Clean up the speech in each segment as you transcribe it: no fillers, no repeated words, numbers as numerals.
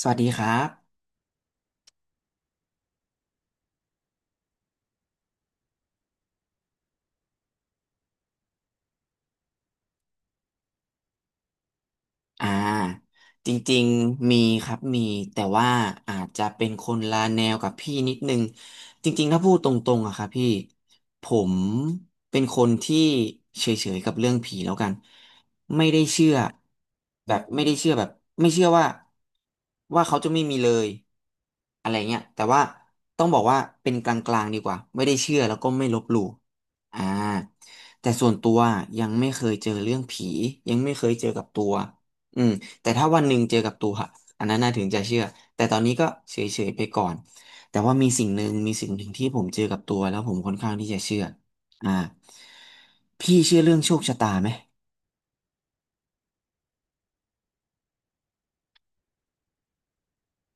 สวัสดีครับ อ่าจริงๆมีครับมีแต่ว่าอาจจะเป็นคนละแนวกับพี่นิดนึงจริงๆถ้าพูดตรงๆอะครับพี่ผมเป็นคนที่เฉยๆกับเรื่องผีแล้วกันไม่ได้เชื่อแบบไม่เชื่อว่าว่าเขาจะไม่มีเลยอะไรเงี้ยแต่ว่าต้องบอกว่าเป็นกลางๆดีกว่าไม่ได้เชื่อแล้วก็ไม่ลบหลู่อ่าแต่ส่วนตัวยังไม่เคยเจอเรื่องผียังไม่เคยเจอกับตัว อืมแต่ถ้าวันหนึ่งเจอกับตัวอะอันนั้นน่าถึงจะเชื่อแต่ตอนนี้ก็เฉยๆไปก่อนแต่ว่ามีสิ่งหนึ่งที่ผมเจอกับตัวแล้วผมค่อนข้างที่จะเชื่ออ่าพี่เชื่อเรื่องโชคชะตาไหม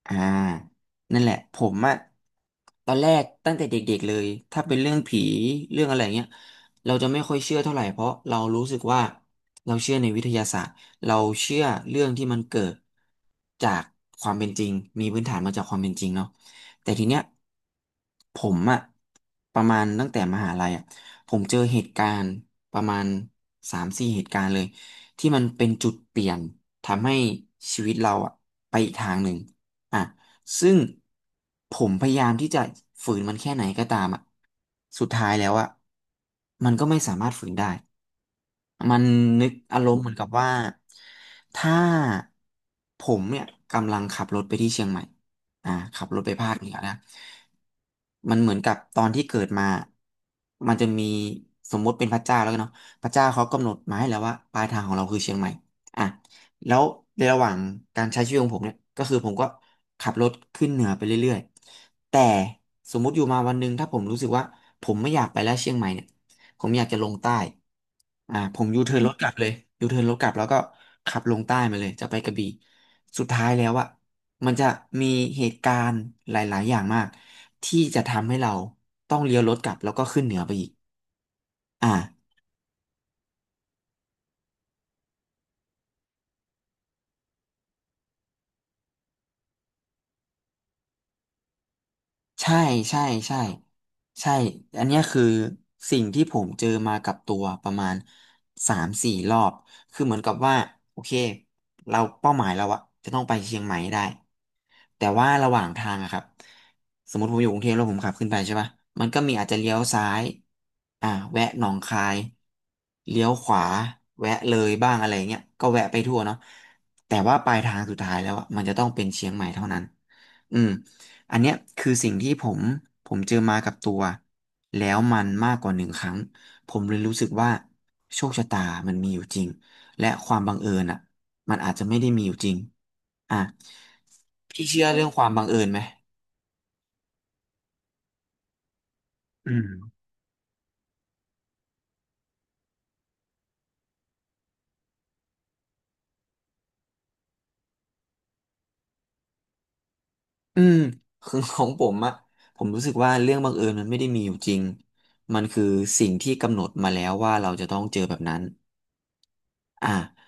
อ่า นั่นแหละ ผมอะตอนแรกตั้งแต่เด็กๆเลยถ้าเป็นเรื่องผีเรื่องอะไรเงี้ยเราจะไม่ค่อยเชื่อเท่าไหร่ เพราะเรารู้สึกว่าเราเชื่อในวิทยาศาสตร์เราเชื่อเรื่องที่มันเกิดจากความเป็นจริง มีพื้นฐานมาจากความเป็นจริงเนาะแต่ทีเนี้ยผมอะประมาณตั้งแต่มหาลัยอะผมเจอเหตุการณ์ประมาณสามสี่เหตุการณ์เลยที่มันเป็นจุดเปลี่ยนทำให้ชีวิตเราอะไปอีกทางหนึ่ง อ่ะซึ่งผมพยายามที่จะฝืนมันแค่ไหนก็ตามอ่ะสุดท้ายแล้วอ่ะมันก็ไม่สามารถฝืนได้ มันนึกอารมณ์เหมือนกับว่าถ้าผมเนี่ยกำลังขับรถไปที่เชียงใหม่อ่าขับรถไปภาคเหนือนะมันเหมือนกับตอนที่เกิดมา มันจะมีสมมติเป็นพระเจ้าแล้วกันเนาะพระเจ้าเขากำหนดมาให้แล้วว่าปลายทางของเราคือเชียงใหม่อ่ะแล้วในระหว่างการใช้ชีวิตของผมเนี่ยก็คือผมก็ขับรถขึ้นเหนือไปเรื่อยๆแต่สมมติอยู่มาวันหนึ่งถ้าผมรู้สึกว่าผมไม่อยากไปแล้วเชียงใหม่เนี่ย ผมอยากจะลงใต้ผมยูเทิร์นรถกลับเลยยูเทิร์นรถกลับแล้วก็ขับลงใต้มาเลย จะไปกระบี่สุดท้ายแล้วอะมันจะมีเหตุการณ์หลายๆอย่างมากที่จะทำให้เราต้องเลี้ยวรถกลับแล้วก็ขึ้นเหนือไปอีกอ่า ใช่ใช่ใช่ใช่อันเนี้ยคือสิ่งที่ผมเจอมากับตัวประมาณสามสี่รอบ คือเหมือนกับว่าโอเคเราเป้าหมายเราอะจะต้องไปเชียงใหม่ให้ได้แต่ว่าระหว่างทางอะครับสมมติผมอยู่กรุงเทพแล้วผมขับขึ้นไปใช่ปะมันก็มีอาจจะเลี้ยวซ้ายแวะหนองคายเลี้ยวขวาแวะเลยบ้างอะไรเงี้ยก็แวะไปทั่วเนาะแต่ว่าปลายทางสุดท้ายแล้วอะมันจะต้องเป็นเชียงใหม่เท่านั้นอืม อันเนี้ยคือสิ่งที่ผมเจอมากับตัวแล้วมันมากกว่าหนึ่งครั้งผมเลยรู้สึกว่าโชคชะตามันมีอยู่จริงและความบังเอิญอ่ะมันอาจจะไม่ได้มีอยู่จริงอ่ะพี่เชื่อเรื่องความบังเอิญไหมอืมอืมคือของผมอะผมรู้สึกว่าเรื่องบังเอิญมันไม่ได้มีอยู่จริงมันคือสิ่งที่กำหนดมาแล้วว่าเราจะต้องเจอแบบนั้นอ่า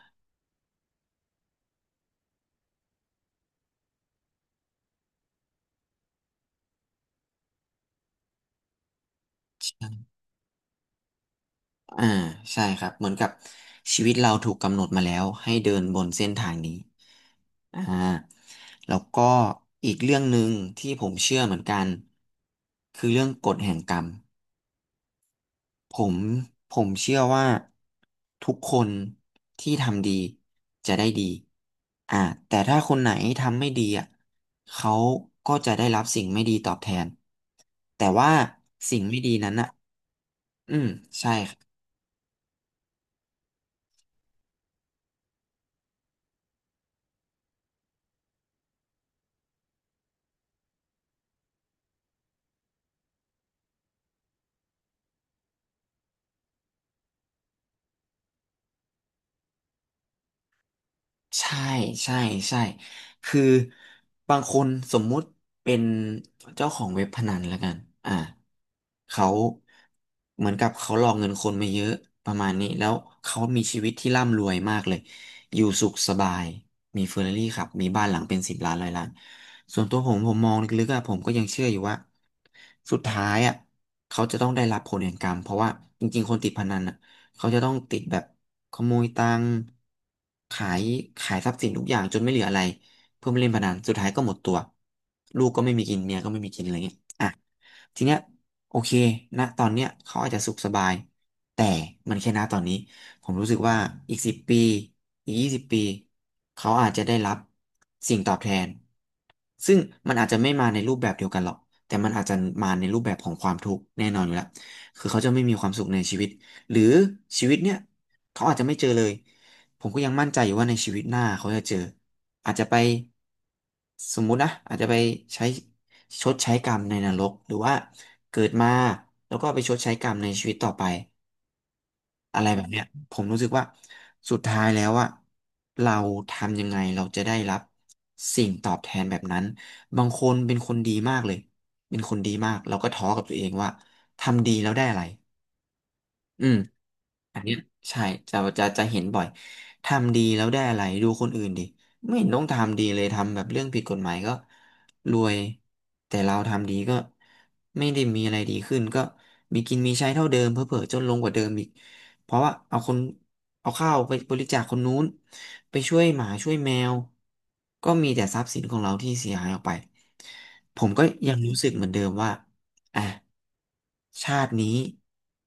อ่าใช่ครับเหมือนกับชีวิตเราถูกกำหนดมาแล้วให้เดินบนเส้นทางนี้ อ่าแล้วก็อีกเรื่องหนึ่งที่ผมเชื่อเหมือนกันคือเรื่องกฎแห่งกรรมผมผมเชื่อว่าทุกคนที่ทำดีจะได้ดีอ่าแต่ถ้าคนไหนทำไม่ดีอ่ะเขาก็จะได้รับสิ่งไม่ดีตอบแทนแต่ว่าสิ่งไม่ดีนั้นอ่ะอืมใช่ ใช่ใช่ใช่คือบางคนสมมุติเป็นเจ้าของเว็บพนันแล้วกันอ่าเขาเหมือนกับเขาหลอกเงินคนมาเยอะประมาณนี้แล้วเขามีชีวิตที่ร่ำรวยมากเลยอยู่สุขสบายมีเฟอร์รารี่ขับมีบ้านหลังเป็นสิบล้านร้อยล้านส่วนตัวผมมองลึกๆอะผมก็ยังเชื่ออยู่ว่าสุดท้ายอะเขาจะต้องได้รับผลแห่งกรรมเพราะว่าจริงๆคนติดพนันอะ เขาจะต้องติดแบบขโมยตังค์ขายทรัพย์สินทุกอย่างจนไม่เหลืออะไรเพื่อมาเล่นพนันสุดท้ายก็หมดตัวลูกก็ไม่มีกินเมียก็ไม่มีกินอะไรเงี้ย ทีเนี้ยโอเคนะตอนเนี้ยเขาอาจจะสุขสบายแต่มันแค่ณตอนนี้ผมรู้สึกว่าอีกสิบปีอีก20 ปีเขาอาจจะได้รับสิ่งตอบแทนซึ่งมันอาจจะไม่มาในรูปแบบเดียวกันหรอกแต่มันอาจจะมาในรูปแบบของความทุกข์แน่นอนอยู่แล้วคือเขาจะไม่มีความสุขในชีวิตหรือชีวิตเนี่ยเขาอาจจะไม่เจอเลยผมก็ยังมั่นใจอยู่ว่าในชีวิตหน้าเขาจะเจออาจจะไปสมมุตินะอาจจะไปใช้ ชดใช้กรรมในนรกหรือว่าเกิดมาแล้วก็ไปชดใช้กรรมในชีวิตต่อไปอะไรแบบเนี้ยผมรู้สึกว่าสุดท้ายแล้วอะเราทำยังไงเราจะได้รับสิ่งตอบแทนแบบนั้นบางคนเป็นคนดีมากเลยเป็นคนดีมากเราก็ท้อกับตัวเองว่าทำดีแล้วได้อะไรอืม อันเนี้ยใช่จะเห็นบ่อยทำดีแล้วได้อะไรดูคนอื่นดิไม่เห็นต้องทำดีเลยทำแบบเรื่องผิดกฎหมายก็รวยแต่เราทำดีก็ไม่ได้มีอะไรดีขึ้นก็มีกินมีใช้เท่าเดิมเผลอๆจนลงกว่าเดิมอีกเพราะว่าเอาคนเอาข้าวไปบริจาคคนนู้นไปช่วยหมาช่วยแมวก็มีแต่ทรัพย์สินของเราที่เสียหายออกไปผมก็ยังรู้สึกเหมือนเดิมว่า อ่ะชาตินี้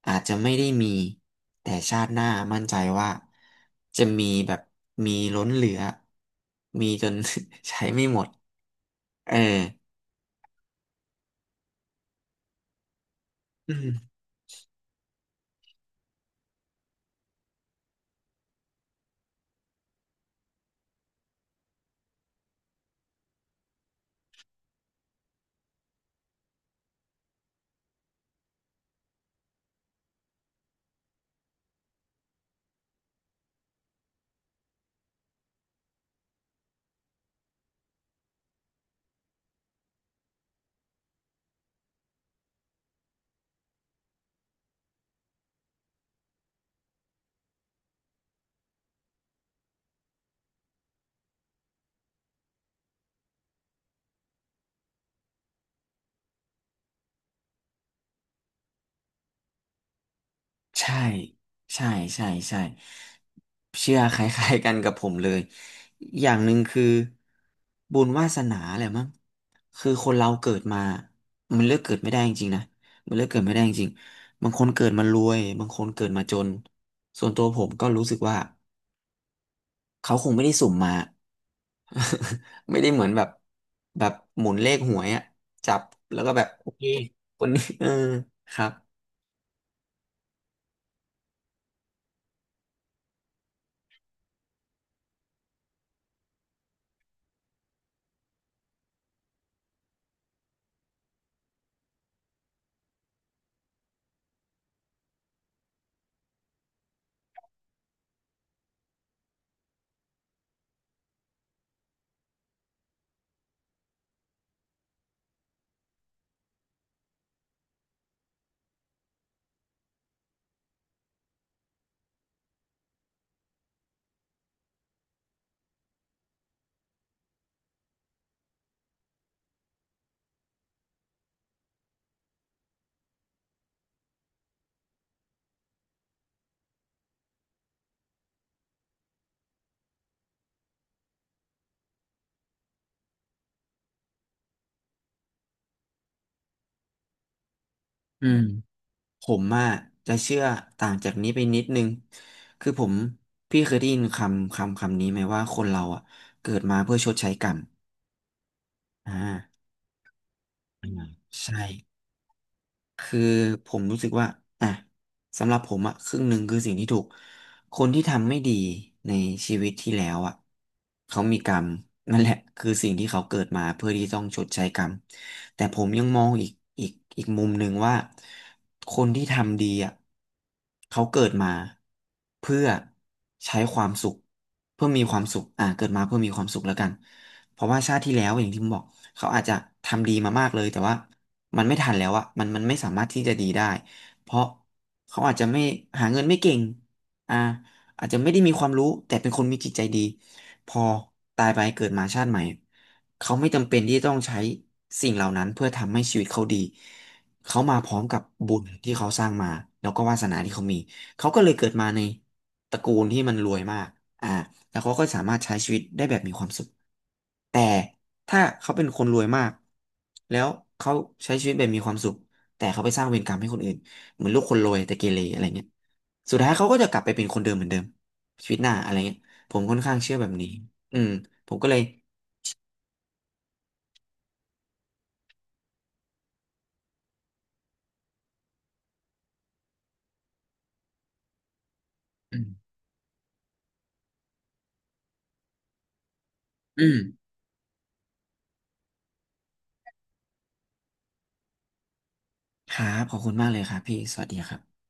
อาจจะไม่ได้มีแต่ชาติหน้ามั่นใจว่าจะมีแบบมีล้นเหลือมีจน ใช้ไม่หมดเอออืม ใช่ใช่ใช่ใช่เชื่อคล้ายๆกันกับผมเลยอย่างหนึ่งคือบุญวาสนาแหละมั้งคือคนเราเกิดมามันเลือกเกิดไม่ได้จริงๆนะมันเลือกเกิดไม่ได้จริงๆบางคนเกิดมารวยบางคนเกิดมาจนส่วนตัวผมก็รู้สึกว่าเขาคงไม่ได้สุ่มมา ไม่ได้เหมือนแบบแบบหมุนเลขหวยอะจับแล้วก็แบบโอเคคนนี้เออครับอืม ผมอ่ะจะเชื่อต่างจากนี้ไปนิดนึงคือผมพี่เคยได้ยินคำนี้ไหมว่าคนเราอ่ะเกิดมาเพื่อชดใช้กรรมอ่าอาใช่ คือผมรู้สึกว่าอ่ะสำหรับผมอ่ะครึ่งหนึ่งคือสิ่งที่ถูกคนที่ทำไม่ดีในชีวิตที่แล้วอ่ะเขามีกรรมนั่นแหละคือสิ่งที่เขาเกิดมาเพื่อที่ต้องชดใช้กรรมแต่ผมยังมองอีกอีกมุมหนึ่งว่าคนที่ทำดีอ่ะเขาเกิดมาเพื่อใช้ความสุขเพื่อมีความสุขอ่ะเกิดมาเพื่อมีความสุขแล้วกันเพราะว่าชาติที่แล้วอย่างที่ผมบอกเขาอาจจะทำดีมามากเลยแต่ว่า มันไม่ทันแล้วอะมันไม่สามารถที่จะดีได้ เพราะเขาอาจจะไม่หาเงินไม่เก่งอ่าอาจจะไม่ได้มีความรู้แต่เป็นคนมีจิตใจดี พอตายไปเกิดมาชาติใหม่เขาไม่จำเป็นที่ต้องใช้สิ่งเหล่านั้นเพื่อทำให้ชีวิตเขาดี เขามาพร้อมกับบุญที่เขาสร้างมาแล้วก็วาสนาที่เขามี เขาก็เลยเกิดมาในตระกูลที่มันรวยมากอ่าแล้วเขาก็สามารถใช้ชีวิตได้แบบมีความสุขแต่ ถ้าเขาเป็นคนรวยมากแล้วเขาใช้ชีวิตแบบมีความสุขแต่เขาไปสร้างเวรกรรมให้คนอื่นเหมือนลูกคนรวยแต่เกเรอะไรเงี้ยสุดท้ายเขาก็จะกลับไปเป็นคนเดิมเหมือนเดิมชีวิตหน้าอะไรเงี้ยผมค่อนข้างเชื่อแบบนี้อืมผมก็เลยอืมอืมครับขอบคุณมากเลยครับพี่สวัสดีครับ